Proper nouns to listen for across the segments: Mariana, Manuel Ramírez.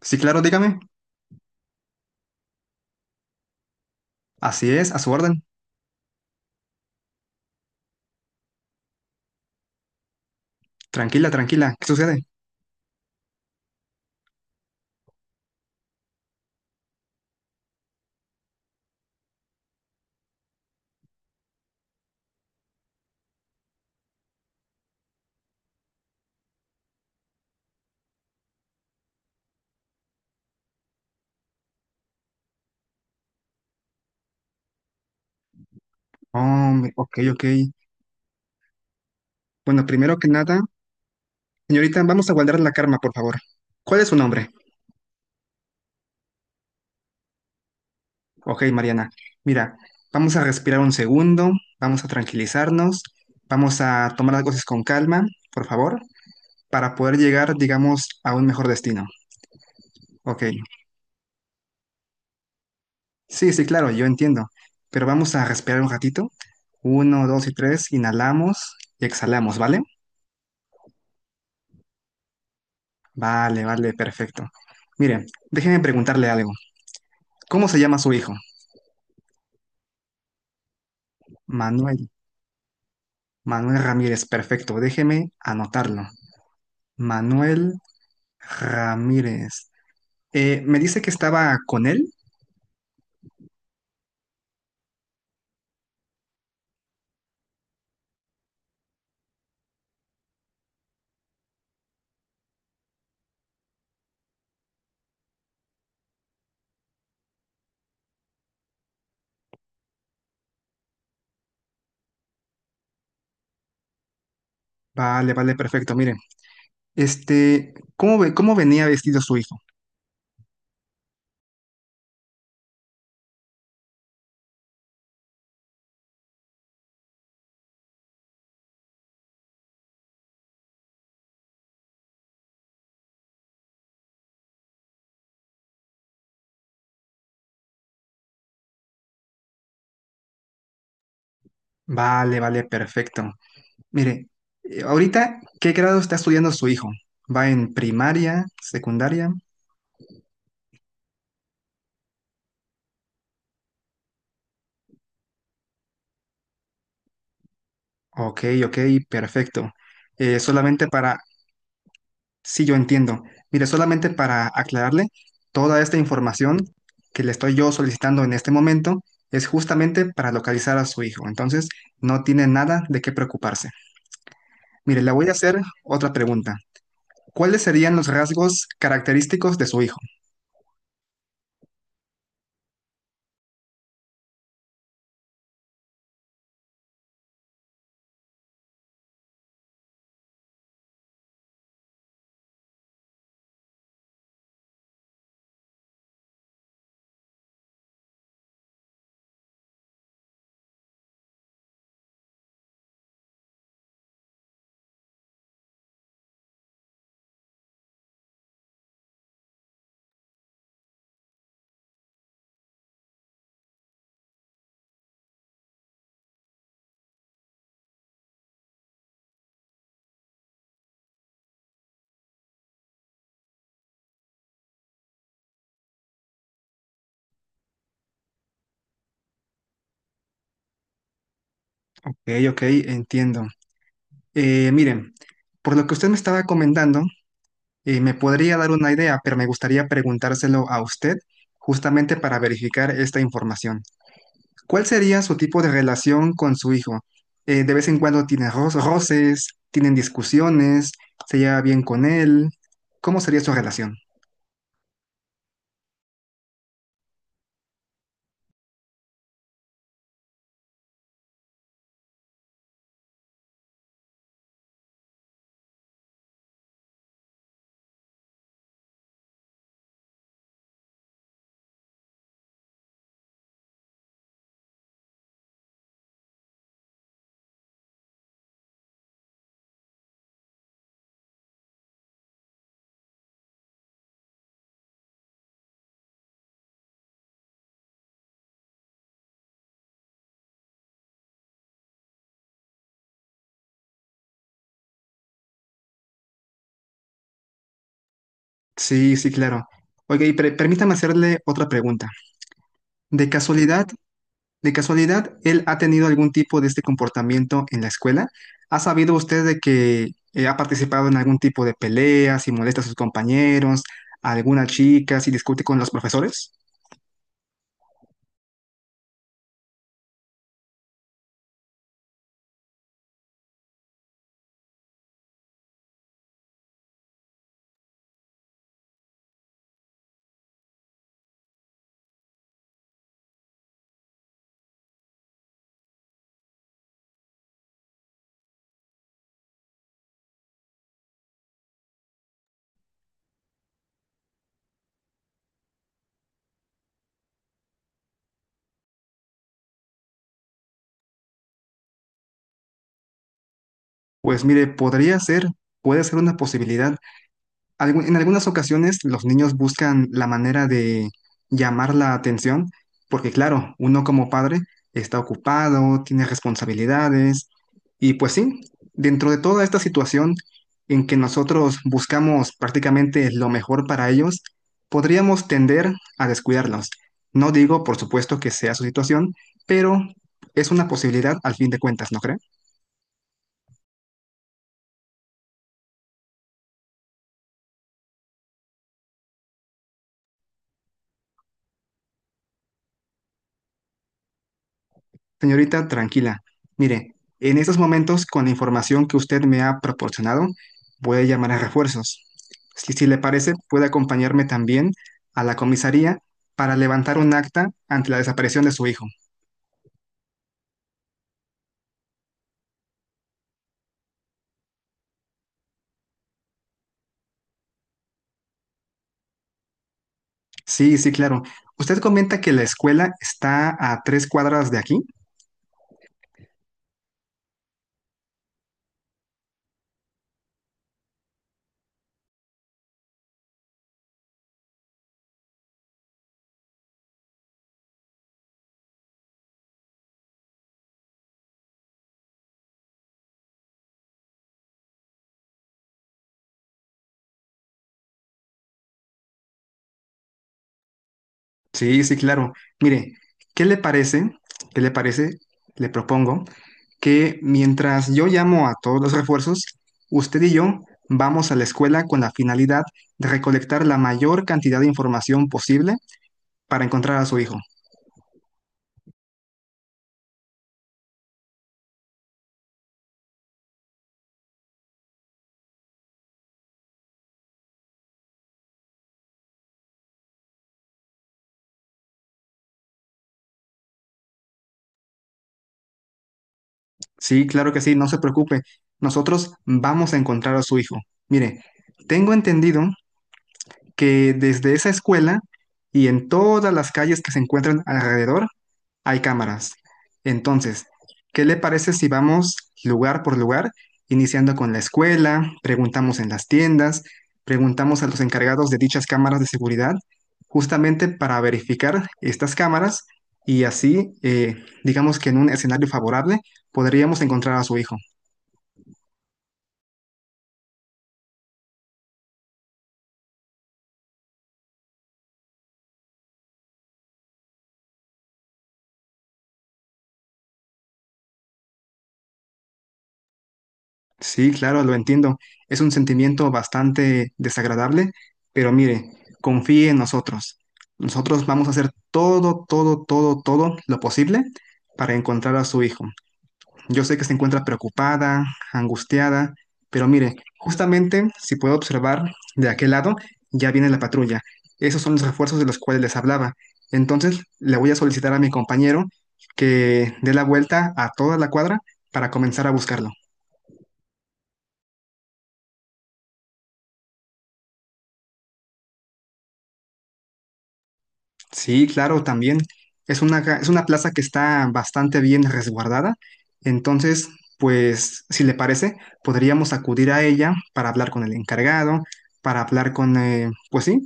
Sí, claro, dígame. Así es, a su orden. Tranquila, tranquila. ¿Qué sucede? Hombre, ok, ok. Bueno, primero que nada, señorita, vamos a guardar la calma, por favor. ¿Cuál es su nombre? Ok, Mariana. Mira, vamos a respirar un segundo, vamos a tranquilizarnos, vamos a tomar las cosas con calma, por favor, para poder llegar, digamos, a un mejor destino. Ok. Sí, sí, claro, yo entiendo. Pero vamos a respirar un ratito. Uno, dos y tres, inhalamos y exhalamos, ¿vale? Vale, vale, perfecto. Mire, déjeme preguntarle algo. ¿Cómo se llama su hijo? Manuel. Manuel Ramírez, perfecto. Déjeme anotarlo. Manuel Ramírez. ¿Me dice que estaba con él? Vale, vale, perfecto. Mire, este, ¿cómo cómo venía vestido su hijo? Vale, vale, perfecto. Mire, ahorita, ¿qué grado está estudiando su hijo? ¿Va en primaria, secundaria? Ok, ok, perfecto. Solamente para... Sí, yo entiendo. Mire, solamente para aclararle, toda esta información que le estoy yo solicitando en este momento es justamente para localizar a su hijo. Entonces, no tiene nada de qué preocuparse. Mire, le voy a hacer otra pregunta. ¿Cuáles serían los rasgos característicos de su hijo? Ok, ok, entiendo. Miren, por lo que usted me estaba comentando, me podría dar una idea, pero me gustaría preguntárselo a usted justamente para verificar esta información. ¿Cuál sería su tipo de relación con su hijo? ¿De vez en cuando tiene roces, tienen discusiones, se lleva bien con él? ¿Cómo sería su relación? Sí, sí, claro. Oiga, y permítame hacerle otra pregunta. ¿De casualidad, de casualidad, él ha tenido algún tipo de este comportamiento en la escuela? ¿Ha sabido usted de que ha participado en algún tipo de peleas y molesta a sus compañeros, a alguna chica, si discute con los profesores? Pues mire, podría ser, puede ser una posibilidad, en algunas ocasiones los niños buscan la manera de llamar la atención, porque claro, uno como padre está ocupado, tiene responsabilidades, y pues sí, dentro de toda esta situación en que nosotros buscamos prácticamente lo mejor para ellos, podríamos tender a descuidarlos. No digo, por supuesto, que sea su situación, pero es una posibilidad al fin de cuentas, ¿no cree? Señorita, tranquila. Mire, en estos momentos, con la información que usted me ha proporcionado, voy a llamar a refuerzos. Si le parece, puede acompañarme también a la comisaría para levantar un acta ante la desaparición de su hijo. Sí, sí, claro. Usted comenta que la escuela está a 3 cuadras de aquí. Sí, sí, claro. Mire, ¿qué le parece? ¿Qué le parece? Le propongo que mientras yo llamo a todos los refuerzos, usted y yo vamos a la escuela con la finalidad de recolectar la mayor cantidad de información posible para encontrar a su hijo. Sí, claro que sí, no se preocupe. Nosotros vamos a encontrar a su hijo. Mire, tengo entendido que desde esa escuela y en todas las calles que se encuentran alrededor, hay cámaras. Entonces, ¿qué le parece si vamos lugar por lugar, iniciando con la escuela, preguntamos en las tiendas, preguntamos a los encargados de dichas cámaras de seguridad, justamente para verificar estas cámaras y así, digamos que en un escenario favorable, podríamos encontrar a su hijo? Sí, claro, lo entiendo. Es un sentimiento bastante desagradable, pero mire, confíe en nosotros. Nosotros vamos a hacer todo, todo, todo, todo lo posible para encontrar a su hijo. Yo sé que se encuentra preocupada, angustiada, pero mire, justamente si puedo observar de aquel lado, ya viene la patrulla. Esos son los refuerzos de los cuales les hablaba. Entonces, le voy a solicitar a mi compañero que dé la vuelta a toda la cuadra para comenzar a buscarlo. Sí, claro, también. Es una, es una plaza que está bastante bien resguardada. Entonces, pues, si le parece, podríamos acudir a ella para hablar con el encargado, para hablar con, pues sí,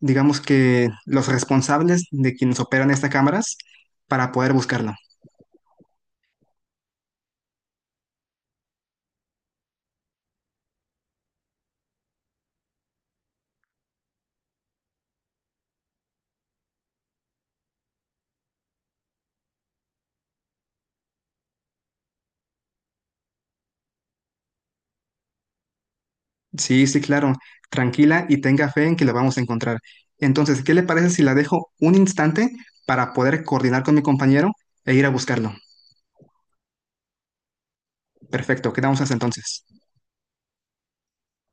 digamos que los responsables de quienes operan estas cámaras, para poder buscarla. Sí, sí, claro. Tranquila y tenga fe en que la vamos a encontrar. Entonces, ¿qué le parece si la dejo un instante para poder coordinar con mi compañero e ir a buscarlo? Perfecto, quedamos hasta entonces.